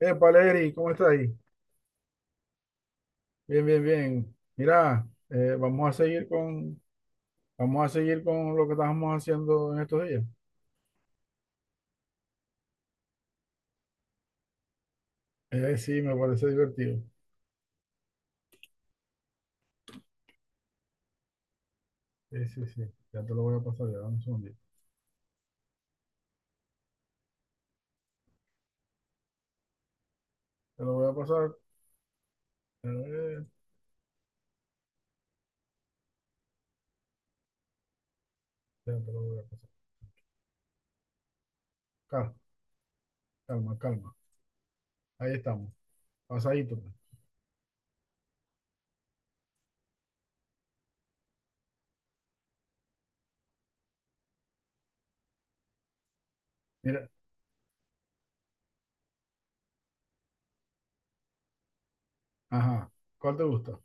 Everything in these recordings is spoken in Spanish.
Valeri, ¿cómo está ahí? Bien, bien, bien. Mira, vamos a seguir con lo que estábamos haciendo en estos días. Sí, me parece divertido. Sí, sí, sí. Ya te lo voy a pasar, ya dame un segundito. Te lo voy a pasar. eh, ya te lo voy a pasar. Calma, calma, calma. Ahí estamos. Pasadito, pues. Mira, ajá. ¿Cuál te gusta?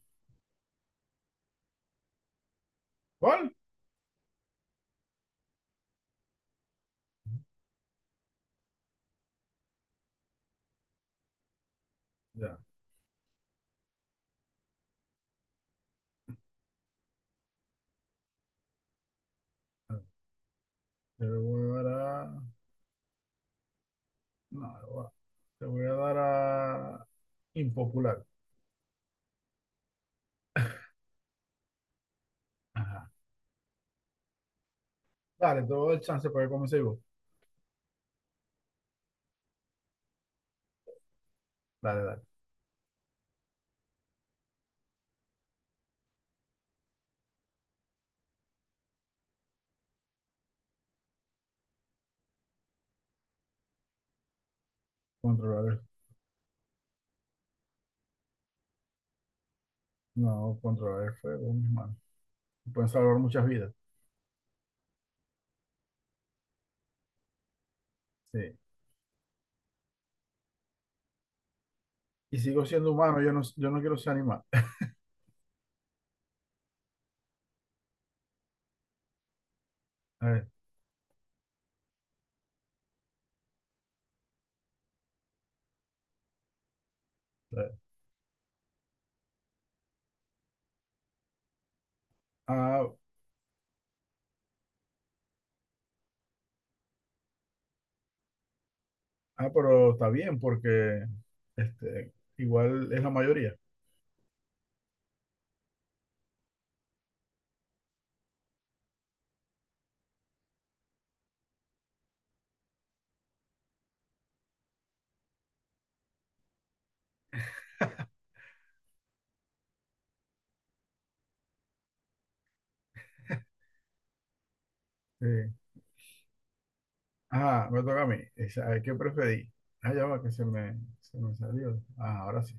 ¿Cuál? Ya. Te voy a dar a. No, te voy a dar a impopular. Ajá. Dale, te doy el chance para que comience vos. Dale, dale. Controlar el, no, controlar el fuego, mis manos. Pueden salvar muchas vidas. Sí. Y sigo siendo humano, yo no quiero ser animal. A ver, a ver. Ah, ah, pero está bien, porque este, igual es la mayoría. Sí. Ah, me toca a mí. A ver, ¿qué preferí? Ah, ya va, que se me salió. Ah, ahora sí.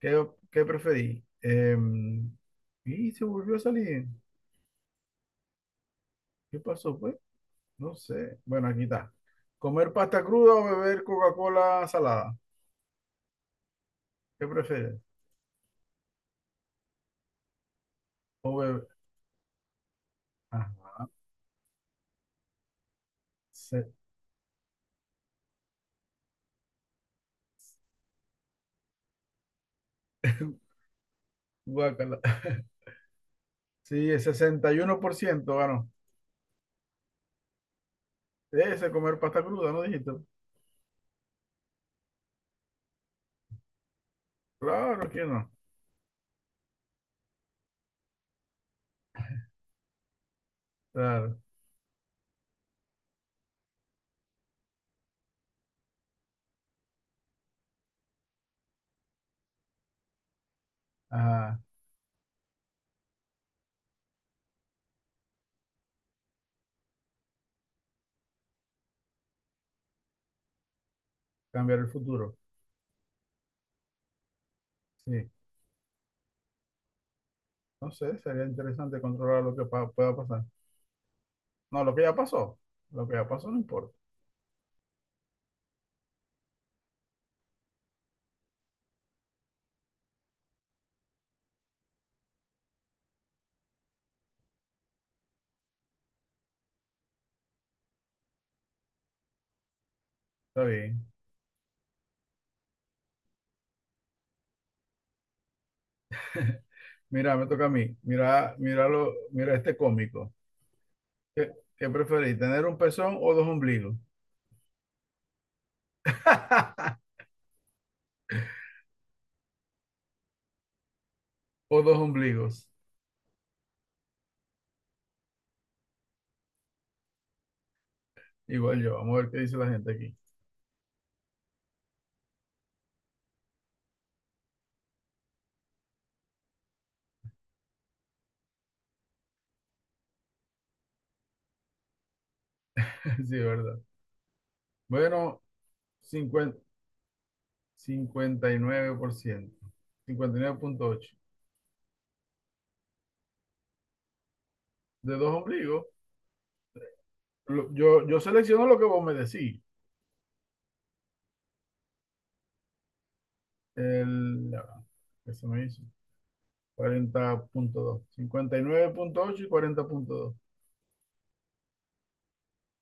¿Qué preferí? Y se volvió a salir. ¿Qué pasó, pues? No sé. Bueno, aquí está. ¿Comer pasta cruda o beber Coca-Cola salada? ¿Qué prefieres? OBB. Ah, se- guácala. Sí, el 61% ganó. Ese comer pasta cruda, ¿no dijiste? Claro que no. Claro. Ajá. Cambiar el futuro. Sí. No sé, sería interesante controlar lo que pueda pasar. No, lo que ya pasó. Lo que ya pasó no importa. Está bien. Mira, me toca a mí. Mira, míralo, mira este cómico. ¿Qué, qué preferís? ¿Tener un pezón o dos ombligos? O dos ombligos. Igual yo. Vamos a ver qué dice la gente aquí. Sí, verdad. Bueno, cincuenta cincuenta y nueve por ciento. Cincuenta y nueve punto ocho. De dos ombligos, yo selecciono lo que vos me decís. ¿El, ya va, que se me hizo? 40,2, 59,8 y nueve punto ocho y cuarenta punto dos.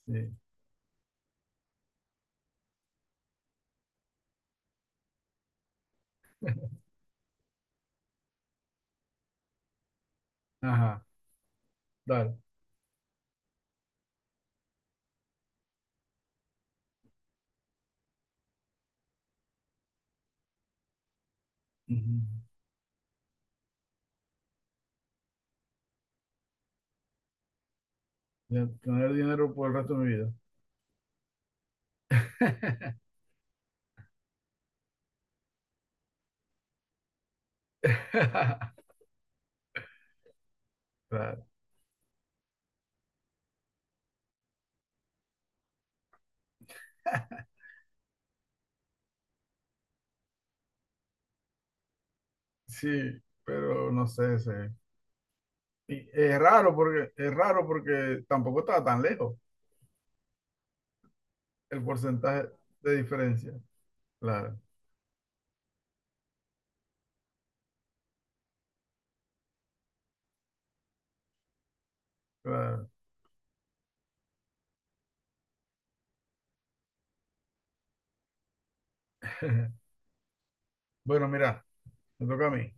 Sí. Ajá, dale. Ujú. Ya, tener dinero por el resto de mi vida. Claro, sí, pero no sé, sí. Y es raro porque tampoco estaba tan lejos. El porcentaje de diferencia. Claro, claro. Bueno, mira, me toca a mí.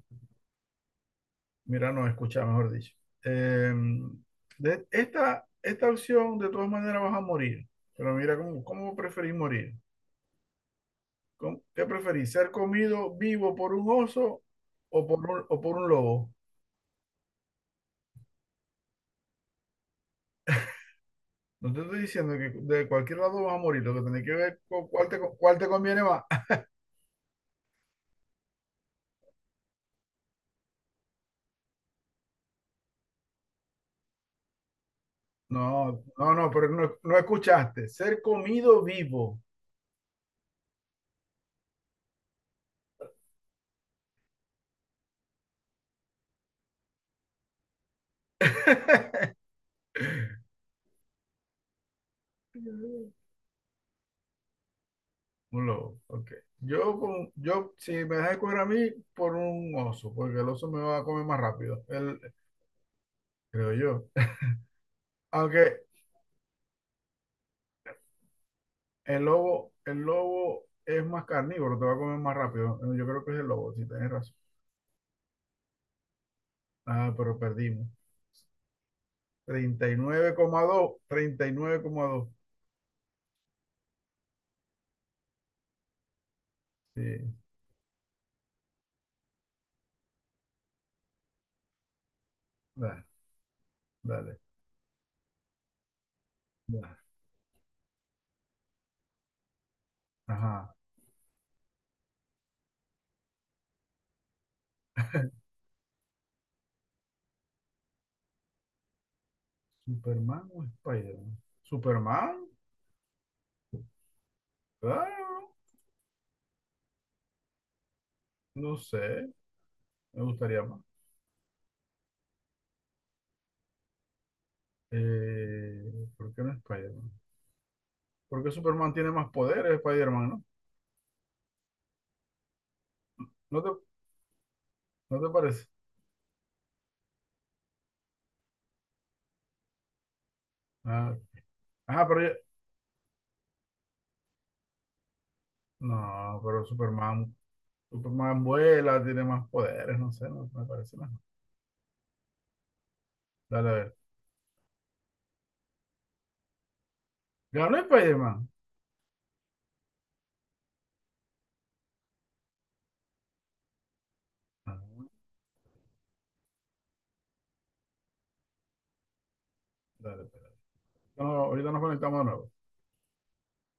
Mira, no, escucha, mejor dicho. Eh, esta opción, de todas maneras, vas a morir. Pero mira, ¿cómo preferís morir? ¿Qué preferís? ¿Ser comido vivo por un oso o por un lobo? No te estoy diciendo que de cualquier lado vas a morir. Lo que tenés que ver con cuál te conviene más. No, no, no, pero no escuchaste. Ser comido vivo. Un lobo, ok. Yo, si me dejas escoger a mí, por un oso, porque el oso me va a comer más rápido, creo yo. Aunque el lobo es más carnívoro, te va a comer más rápido. Yo creo que es el lobo, si tenés razón. Ah, pero perdimos. Treinta y nueve coma dos, treinta y nueve coma dos, 39,2, 39,2. Sí, dale, dale, dale. Ajá. ¿Superman o Spider-Man? ¿Superman? Claro, no sé, me gustaría más. Eh, ¿Por qué no Spider-Man? Porque Superman tiene más poderes, Spider-Man, ¿no? ¿No te, no te parece? Ah, ajá, pero no, pero Superman vuela, tiene más poderes, no sé, no me parece nada. Dale, a ver. ¿Ganó Spider-Man? Ah, dale, espera. No, ahorita nos conectamos de nuevo.